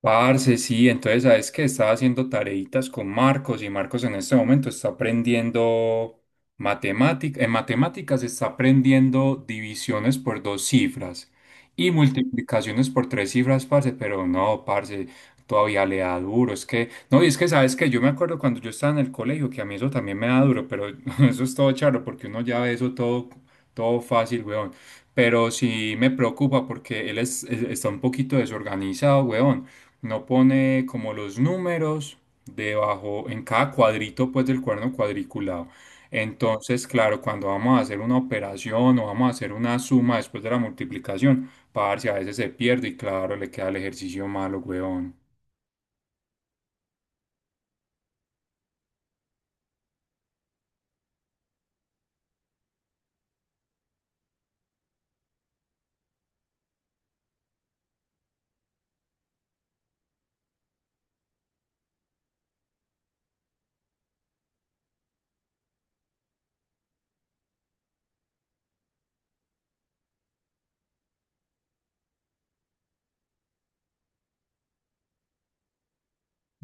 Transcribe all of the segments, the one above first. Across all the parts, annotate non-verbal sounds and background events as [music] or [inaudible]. Parce, sí, entonces sabes que estaba haciendo tareitas con Marcos y Marcos en este momento está aprendiendo matemática, en matemáticas está aprendiendo divisiones por dos cifras y multiplicaciones por tres cifras, parce, pero no, parce, todavía le da duro, es que, no, y es que sabes que yo me acuerdo cuando yo estaba en el colegio que a mí eso también me da duro, pero [laughs] eso es todo charro porque uno ya ve eso todo, todo fácil, weón. Pero sí me preocupa porque él está un poquito desorganizado, weón. No pone como los números debajo, en cada cuadrito pues del cuerno cuadriculado. Entonces, claro, cuando vamos a hacer una operación o vamos a hacer una suma después de la multiplicación, parce, a veces se pierde y claro, le queda el ejercicio malo, weón.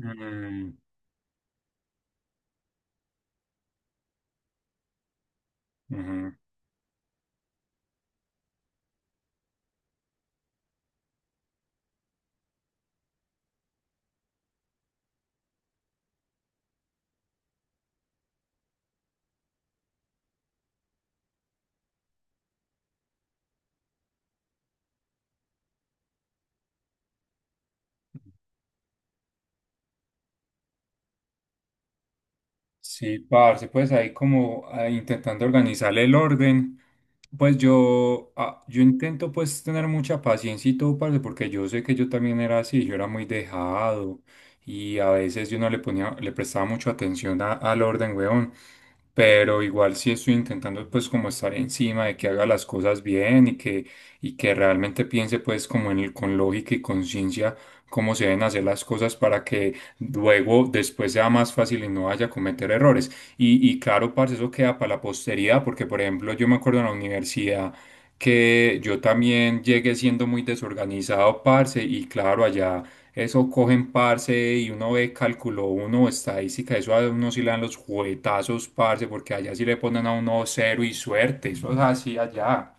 Mm, ujú. Sí, parce, pues ahí como ah, intentando organizar el orden, pues yo, yo intento pues tener mucha paciencia y todo, parce, porque yo sé que yo también era así, yo era muy dejado y a veces yo no le ponía, le prestaba mucha atención al orden, weón, pero igual sí estoy intentando pues como estar encima de que haga las cosas bien y que realmente piense pues como en el, con lógica y conciencia cómo se deben hacer las cosas para que después sea más fácil y no vaya a cometer errores. Y claro, parce, eso queda para la posteridad, porque por ejemplo, yo me acuerdo en la universidad que yo también llegué siendo muy desorganizado, parce, y claro, allá eso cogen, parce, y uno ve cálculo uno, estadística, eso a uno sí le dan los juguetazos, parce, porque allá sí le ponen a uno cero y suerte, eso es así allá.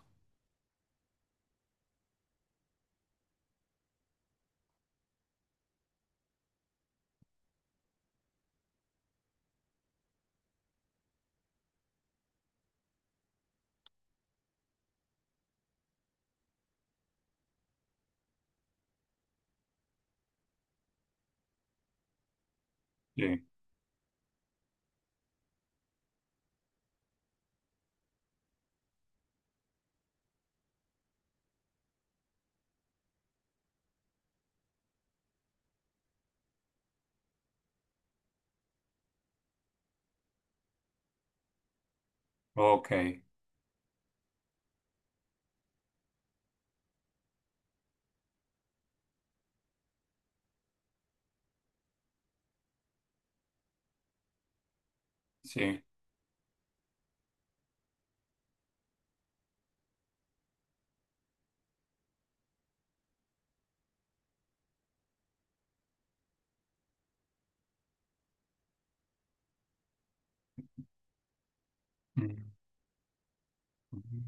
Sí, ok, sí. Mm.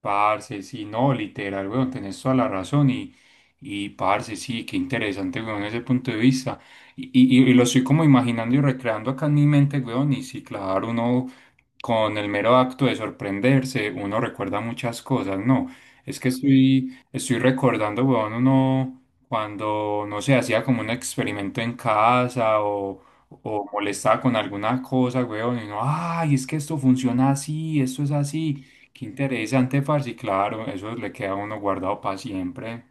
Parce, sí, no, literal, weón, tenés toda la razón y, parce, sí, qué interesante, weón, ese punto de vista. Y lo estoy como imaginando y recreando acá en mi mente, weón, y sí, claro, uno con el mero acto de sorprenderse, uno recuerda muchas cosas, ¿no? Es que, sí, estoy recordando, weón, uno cuando, no sé, hacía como un experimento en casa o molestaba con alguna cosa, weón, y uno, ay, es que esto funciona así, esto es así, qué interesante, parce, y claro, eso le queda a uno guardado para siempre.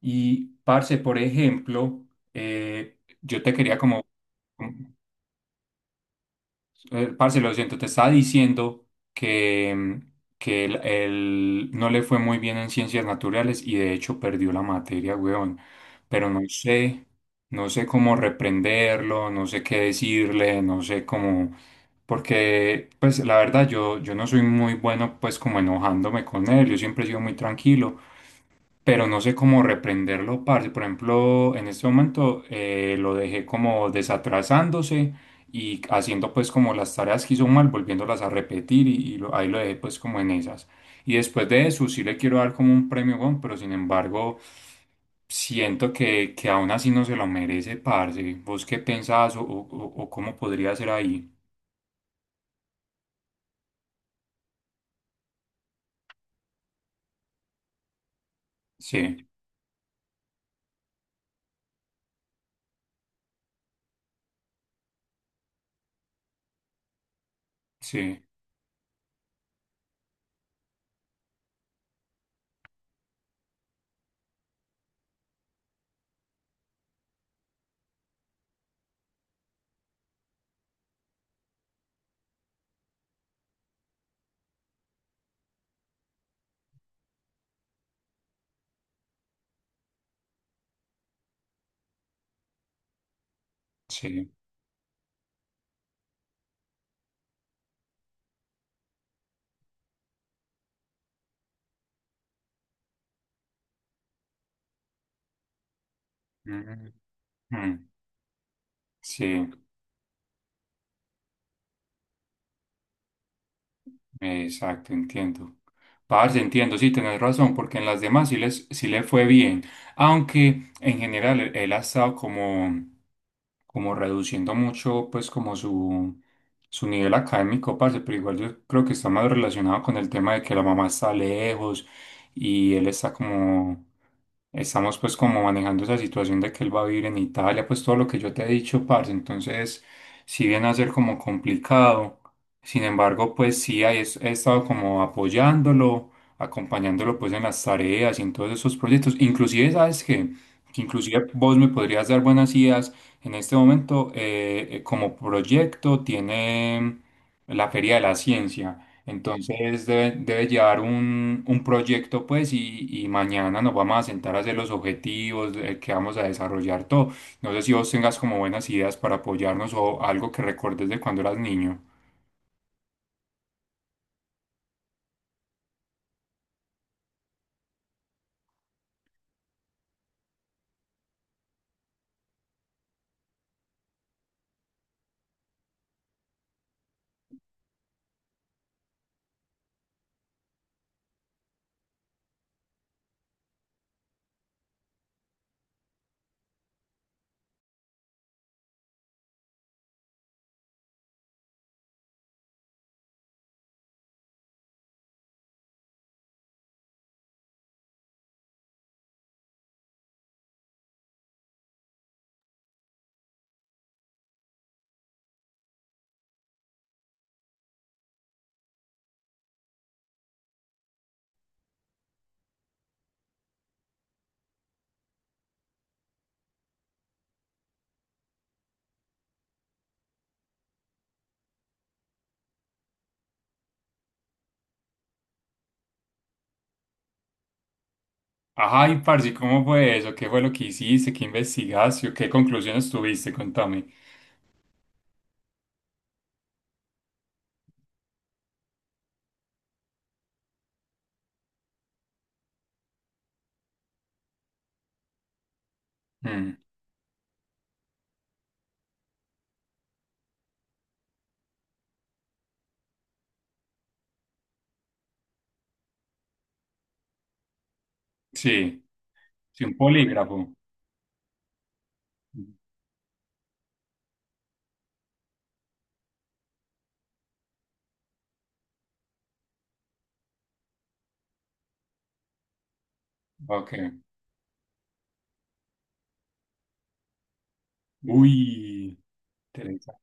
Y, parce, por ejemplo, yo te quería como... Parce, lo siento, te estaba diciendo que, que él no le fue muy bien en ciencias naturales y de hecho perdió la materia, weón. Pero no sé, no sé cómo reprenderlo, no sé qué decirle, no sé cómo... Porque, pues, la verdad, yo no soy muy bueno, pues, como enojándome con él, yo siempre he sido muy tranquilo pero no sé cómo reprenderlo, parce. Por ejemplo, en este momento lo dejé como desatrasándose y haciendo pues como las tareas que hizo mal, volviéndolas a repetir y ahí lo dejé pues como en esas. Y después de eso sí le quiero dar como un premio, weón, pero sin embargo siento que aún así no se lo merece, parce. ¿Vos qué pensás o cómo podría ser ahí? Sí, sí, sí. Mm, mm, mm, sí. Exacto, entiendo. Parce, entiendo, sí, tenés razón, porque en las demás sí, sí le fue bien, aunque en general él ha estado como reduciendo mucho, pues como su nivel académico, parce, pero igual yo creo que está más relacionado con el tema de que la mamá está lejos y estamos pues como manejando esa situación de que él va a vivir en Italia, pues todo lo que yo te he dicho, parce, entonces, si viene a ser como complicado. Sin embargo, pues sí, he estado como apoyándolo, acompañándolo pues en las tareas y en todos esos proyectos. Inclusive, ¿sabes qué? Que inclusive vos me podrías dar buenas ideas. En este momento, como proyecto, tiene la Feria de la Ciencia. Entonces debe llevar un proyecto pues y mañana nos vamos a sentar a hacer los objetivos que vamos a desarrollar todo. No sé si vos tengas como buenas ideas para apoyarnos o algo que recordes de cuando eras niño. Ay, parce, ¿cómo fue eso? ¿Qué fue lo que hiciste? ¿Qué investigaste? ¿O qué conclusiones tuviste? Contame. Mm, sí, sí, un polígrafo. Ok. Uy, interesante.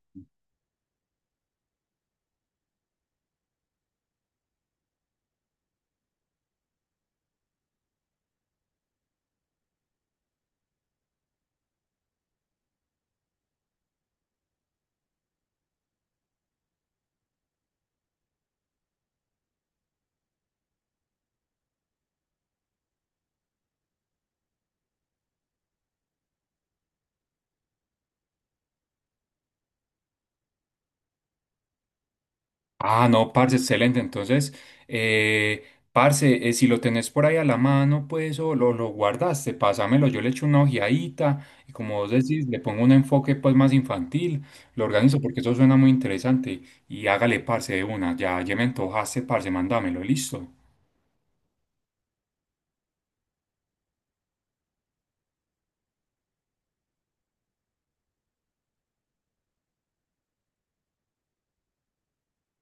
Ah, no, parce, excelente. Entonces, eh, parce, si lo tenés por ahí a la mano, pues, o lo guardaste, pásamelo. Yo le echo una ojeadita y como vos decís, le pongo un enfoque, pues, más infantil. Lo organizo porque eso suena muy interesante. Y hágale, parce, de una. Ya, ya me antojaste, parce, mándamelo. Listo.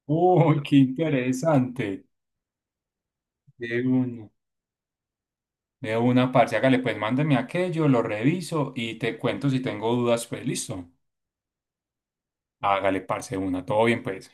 Uy, qué interesante. De una. De una, parce. Hágale, pues mándame aquello, lo reviso y te cuento si tengo dudas, pues listo. Hágale, parce, de una. Todo bien, pues.